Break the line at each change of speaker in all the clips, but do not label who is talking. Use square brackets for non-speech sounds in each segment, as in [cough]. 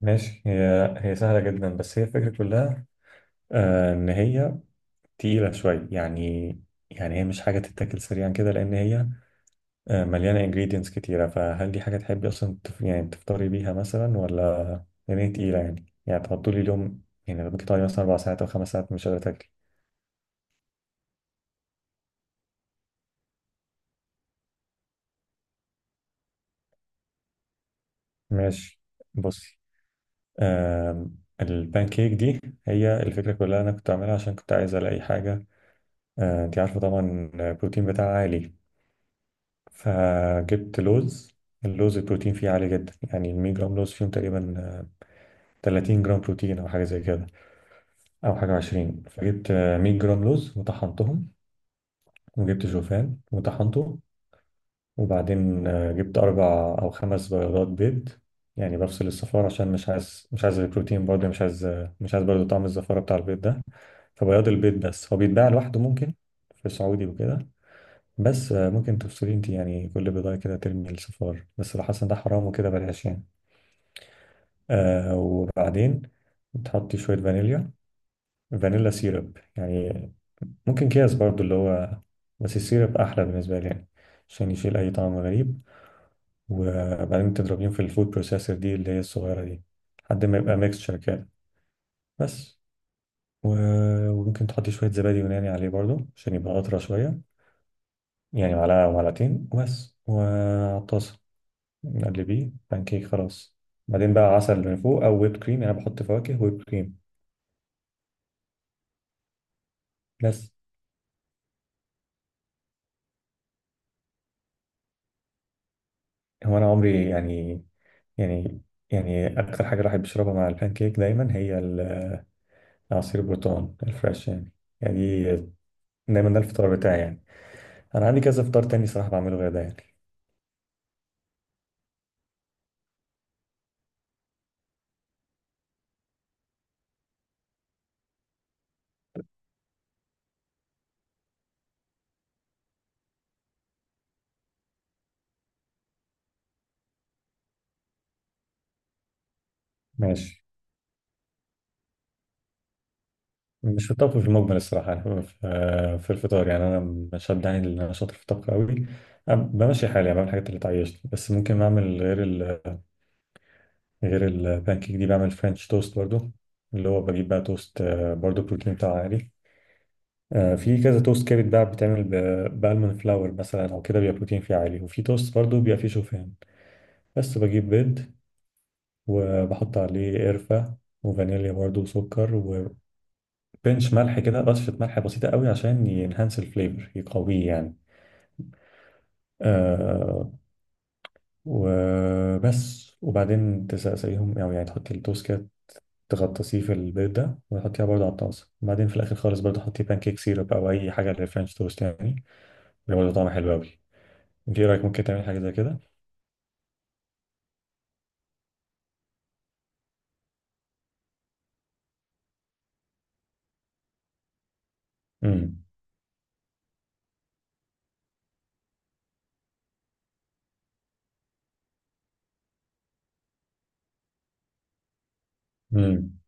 ماشي. هي هي سهلة جدا، بس هي الفكرة كلها. إن هي تقيلة شوية يعني. يعني هي مش حاجة تتاكل سريعا كده، لأن هي مليانة ingredients كتيرة. فهل دي حاجة تحبي أصلا يعني تفطري بيها مثلا، ولا يعني هي تقيلة؟ يعني تحطولي اليوم، يعني لو بتقعدي مثلا أربع ساعات أو خمس ساعات مش قادرة تاكلي. ماشي. بصي. البان كيك دي، هي الفكرة كلها. أنا كنت أعملها عشان كنت عايز ألاقي حاجة. أنت عارفة طبعا البروتين بتاعها عالي. فجبت لوز. اللوز البروتين فيه عالي جدا، يعني ال 100 جرام لوز فيهم تقريبا 30 جرام بروتين او حاجه زي كده. او حاجه 20. فجبت 100 جرام لوز وطحنتهم. وجبت شوفان وطحنته. وبعدين جبت اربع او خمس بيضات بيض، يعني بفصل الصفار، عشان مش عايز البروتين، برضه مش عايز برضه طعم الزفاره بتاع البيض ده. فبياض البيض بس، هو بيتباع لوحده ممكن في سعودي وكده. بس ممكن تفصلي انت، يعني كل بضاعة كده ترمي الصفار، بس لو حاسة ان ده حرام وكده بلاش يعني. وبعدين تحطي شوية فانيليا، فانيلا سيرب يعني، ممكن كياس برضو اللي هو، بس السيرب أحلى بالنسبة لي يعني، عشان يشيل أي طعم غريب. وبعدين تضربيهم في الفود بروسيسور دي، اللي هي الصغيرة دي، لحد ما يبقى ميكستشر كده بس. وممكن تحطي شوية زبادي يوناني عليه برضو عشان يبقى أطرى شوية، يعني معلقة أو معلقتين وبس. وعلى الطاسة نقلبيه بانكيك خلاص. بعدين بقى عسل من فوق او ويب كريم. انا بحط فواكه ويب كريم بس. هو انا عمري يعني، يعني اكتر حاجه الواحد بيشربها مع البانكيك دايما هي عصير البرتقال الفريش يعني، يعني دايما ده الفطار بتاعي يعني. انا عندي كذا فطار تاني صراحه بعمله غير ده يعني. ماشي. مش في الطبخ في المجمل الصراحه، يعني في الفطار يعني انا، مش شد يعني ان انا شاطر في الطبخ قوي. أنا بمشي حالي، يعني بعمل الحاجات اللي تعيشني. بس ممكن اعمل غير البانكيك دي، بعمل فرنش توست برضو، اللي هو بجيب بقى توست برضو بروتين بتاعه عالي. في كذا توست كده بقى بتعمل بالمون فلاور مثلا او كده بيبقى بروتين فيه عالي، وفي توست برضو بيبقى فيه شوفان. بس بجيب بيض وبحط عليه قرفة وفانيليا برضو وسكر وبنش ملح، كده رشة ملح بسيطة قوي عشان ينهانس الفليفر يقويه يعني. آه وبس. وبعدين تسقيهم او يعني تحط التوست كده، تغطسيه في البيض ده وتحطيها برضه على الطاسة، وبعدين في الآخر خالص برضه حطي بانكيك سيرب أو أي حاجة اللي فرنش توست يعني، اللي برضه طعمها حلو أوي. أنت إيه رأيك، ممكن تعملي حاجة زي كده؟ امم. امم.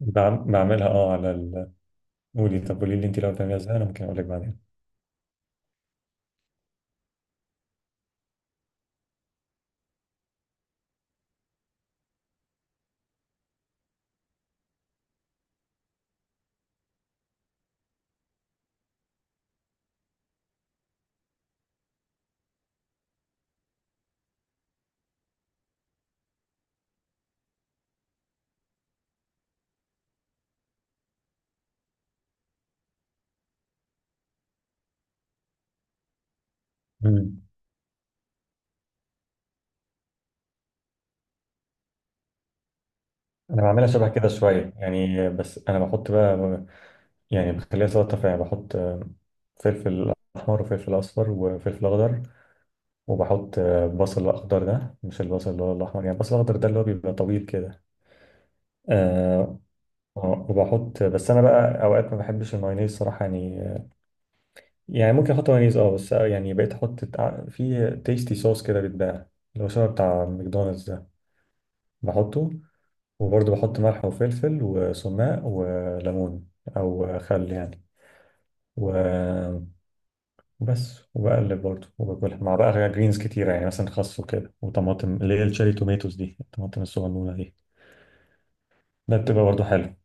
بعملها أه على ال. قولي. طب قولي لي أنت لو بتعمليها إزاي، أنا ممكن أقول لك بعدين. امم. أنا بعملها شبه كده شوية، يعني بس أنا بحط بقى، يعني بخليها سلطة فعلا، بحط فلفل أحمر وفلفل أصفر وفلفل أخضر. وبحط بصل أخضر، ده مش البصل اللي هو الأحمر، يعني البصل الأخضر ده اللي هو بيبقى طويل كده. آه، وبحط، بس انا بقى اوقات ما بحبش المايونيز صراحه يعني. يعني ممكن احط مايونيز اه، بس يعني بقيت احط في تيستي صوص كده بيتباع، اللي هو شبه بتاع ماكدونالدز ده، بحطه. وبرضه بحط ملح وفلفل وسماق وليمون او خل يعني، و- وبس. وبقلب برضه وباكلها مع بقى جرينز كتيره، يعني مثلا خس وكده وطماطم، اللي هي الشيري توميتوز دي، الطماطم الصغنونه دي. ده بتبقى برضه حلو.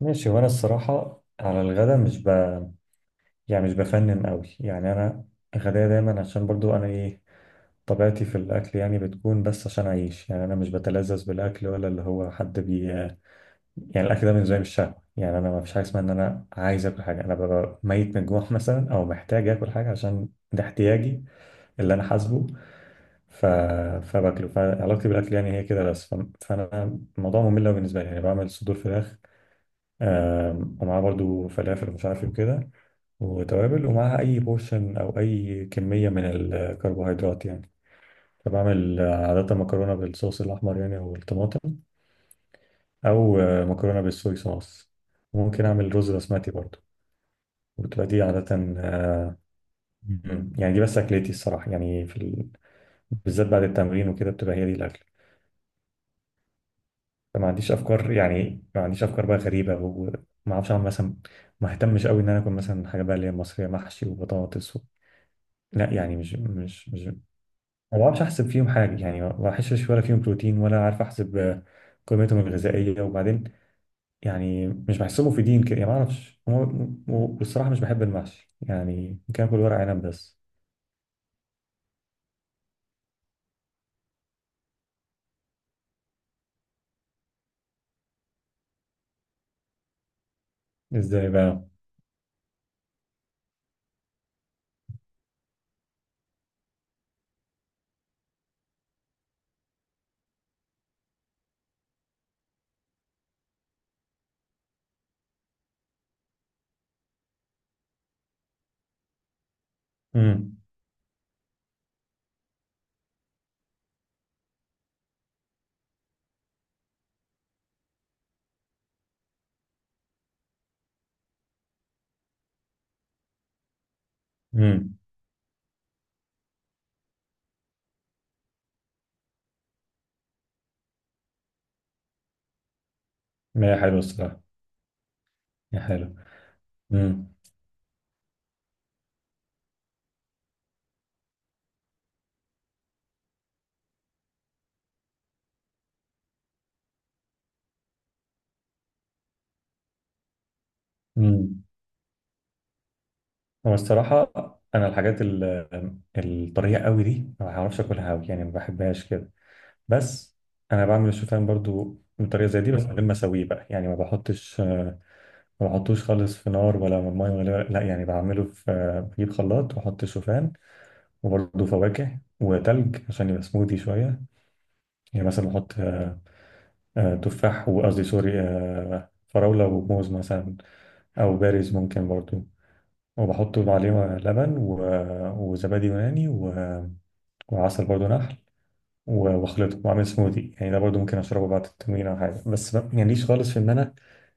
ماشي. وانا الصراحه على الغدا مش بقى، يعني مش بفنن قوي، يعني انا غدايا دايما، عشان برضو انا ايه، طبيعتي في الاكل يعني بتكون بس عشان اعيش، يعني انا مش بتلذذ بالاكل ولا اللي هو حد بي. يعني الاكل ده بالنسبه لي مش شهوه، يعني انا ما فيش حاجه اسمها ان انا عايز اكل حاجه، انا ببقى ميت من الجوع مثلا او محتاج اكل حاجه عشان ده احتياجي، اللي انا حاسبه. ف... فباكله، فعلاقتي بالاكل يعني هي كده بس، فانا، الموضوع ممل أوي بالنسبه لي، يعني بعمل صدور فراخ، ومعاه برضو فلافل ومش عارف ايه وكده وتوابل، ومعاها أي بورشن أو أي كمية من الكربوهيدرات يعني. فبعمل عادة مكرونة بالصوص الأحمر يعني، أو الطماطم، أو مكرونة بالصويا صوص. وممكن أعمل رز بسمتي برضه. وبتبقى دي عادة مم. يعني دي بس أكلتي الصراحة، يعني في بالذات بعد التمرين وكده بتبقى هي دي الأكل. فما عنديش أفكار، يعني ما عنديش أفكار بقى غريبة، وما أعرفش أعمل مثلا، ما اهتمش قوي إن أنا أكل مثلا حاجة بقى اللي هي مصرية، محشي وبطاطس لا، يعني مش ما بعرفش احسب فيهم حاجه، يعني ما بحسش ولا فيهم بروتين، ولا عارف احسب قيمتهم الغذائيه. وبعدين يعني مش بحسبه في دين كده، يعني ما اعرفش. والصراحه مش بحب المحشي، يعني ممكن اكل ورق عنب بس. ازاي بقى؟ امم. امم. ما هي حلوه الصراحه. هي حلوه. امم. امم. هو الصراحه انا الحاجات الطريه قوي دي ما بعرفش اكلها قوي، يعني ما بحبهاش كده بس. انا بعمل الشوفان برضو بطريقه زي دي، بس من غير ما اسويه بقى، يعني ما بحطش، ما بحطوش خالص في نار ولا ميه لا يعني بعمله في، بجيب خلاط واحط شوفان، وبرضه فواكه وتلج عشان يبقى سموذي شويه. يعني مثلا بحط تفاح، وقصدي سوري، فراوله وموز مثلا، او بارز ممكن برضه. وبحط عليه لبن وزبادي يوناني وعسل برضه نحل واخلطه واعمل سموذي، يعني ده برضه ممكن اشربه بعد التمرين او حاجه. بس يعني ليش خالص في ان انا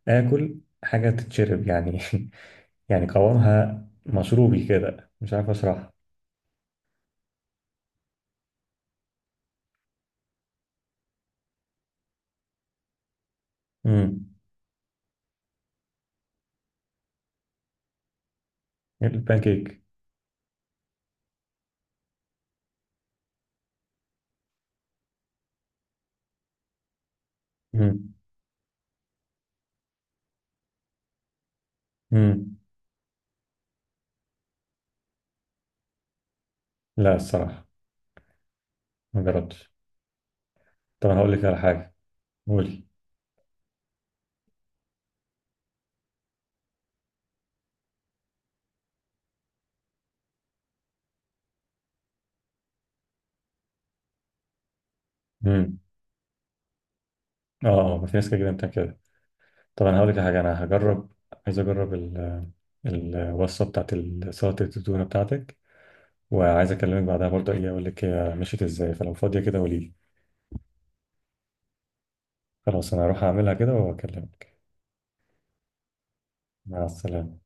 اكل حاجه تتشرب يعني [laughs] يعني قوامها مشروبي كده مش عارف اشرحها. امم. البانكيك. امم. امم. لا، الصراحه ما جربتش. طب انا هقول لك على حاجه. قولي. امم. اه، اه، ما في ناس كده بتعمل كده. طب انا هقول لك على حاجه. انا هجرب، عايز اجرب الوصفه بتاعت سلطه التونه بتاعتك. وعايز اكلمك بعدها برضه ايه، اقول لك هي مشيت ازاي، فلو فاضيه كده قولي لي. خلاص. انا هروح اعملها كده واكلمك. مع السلامه.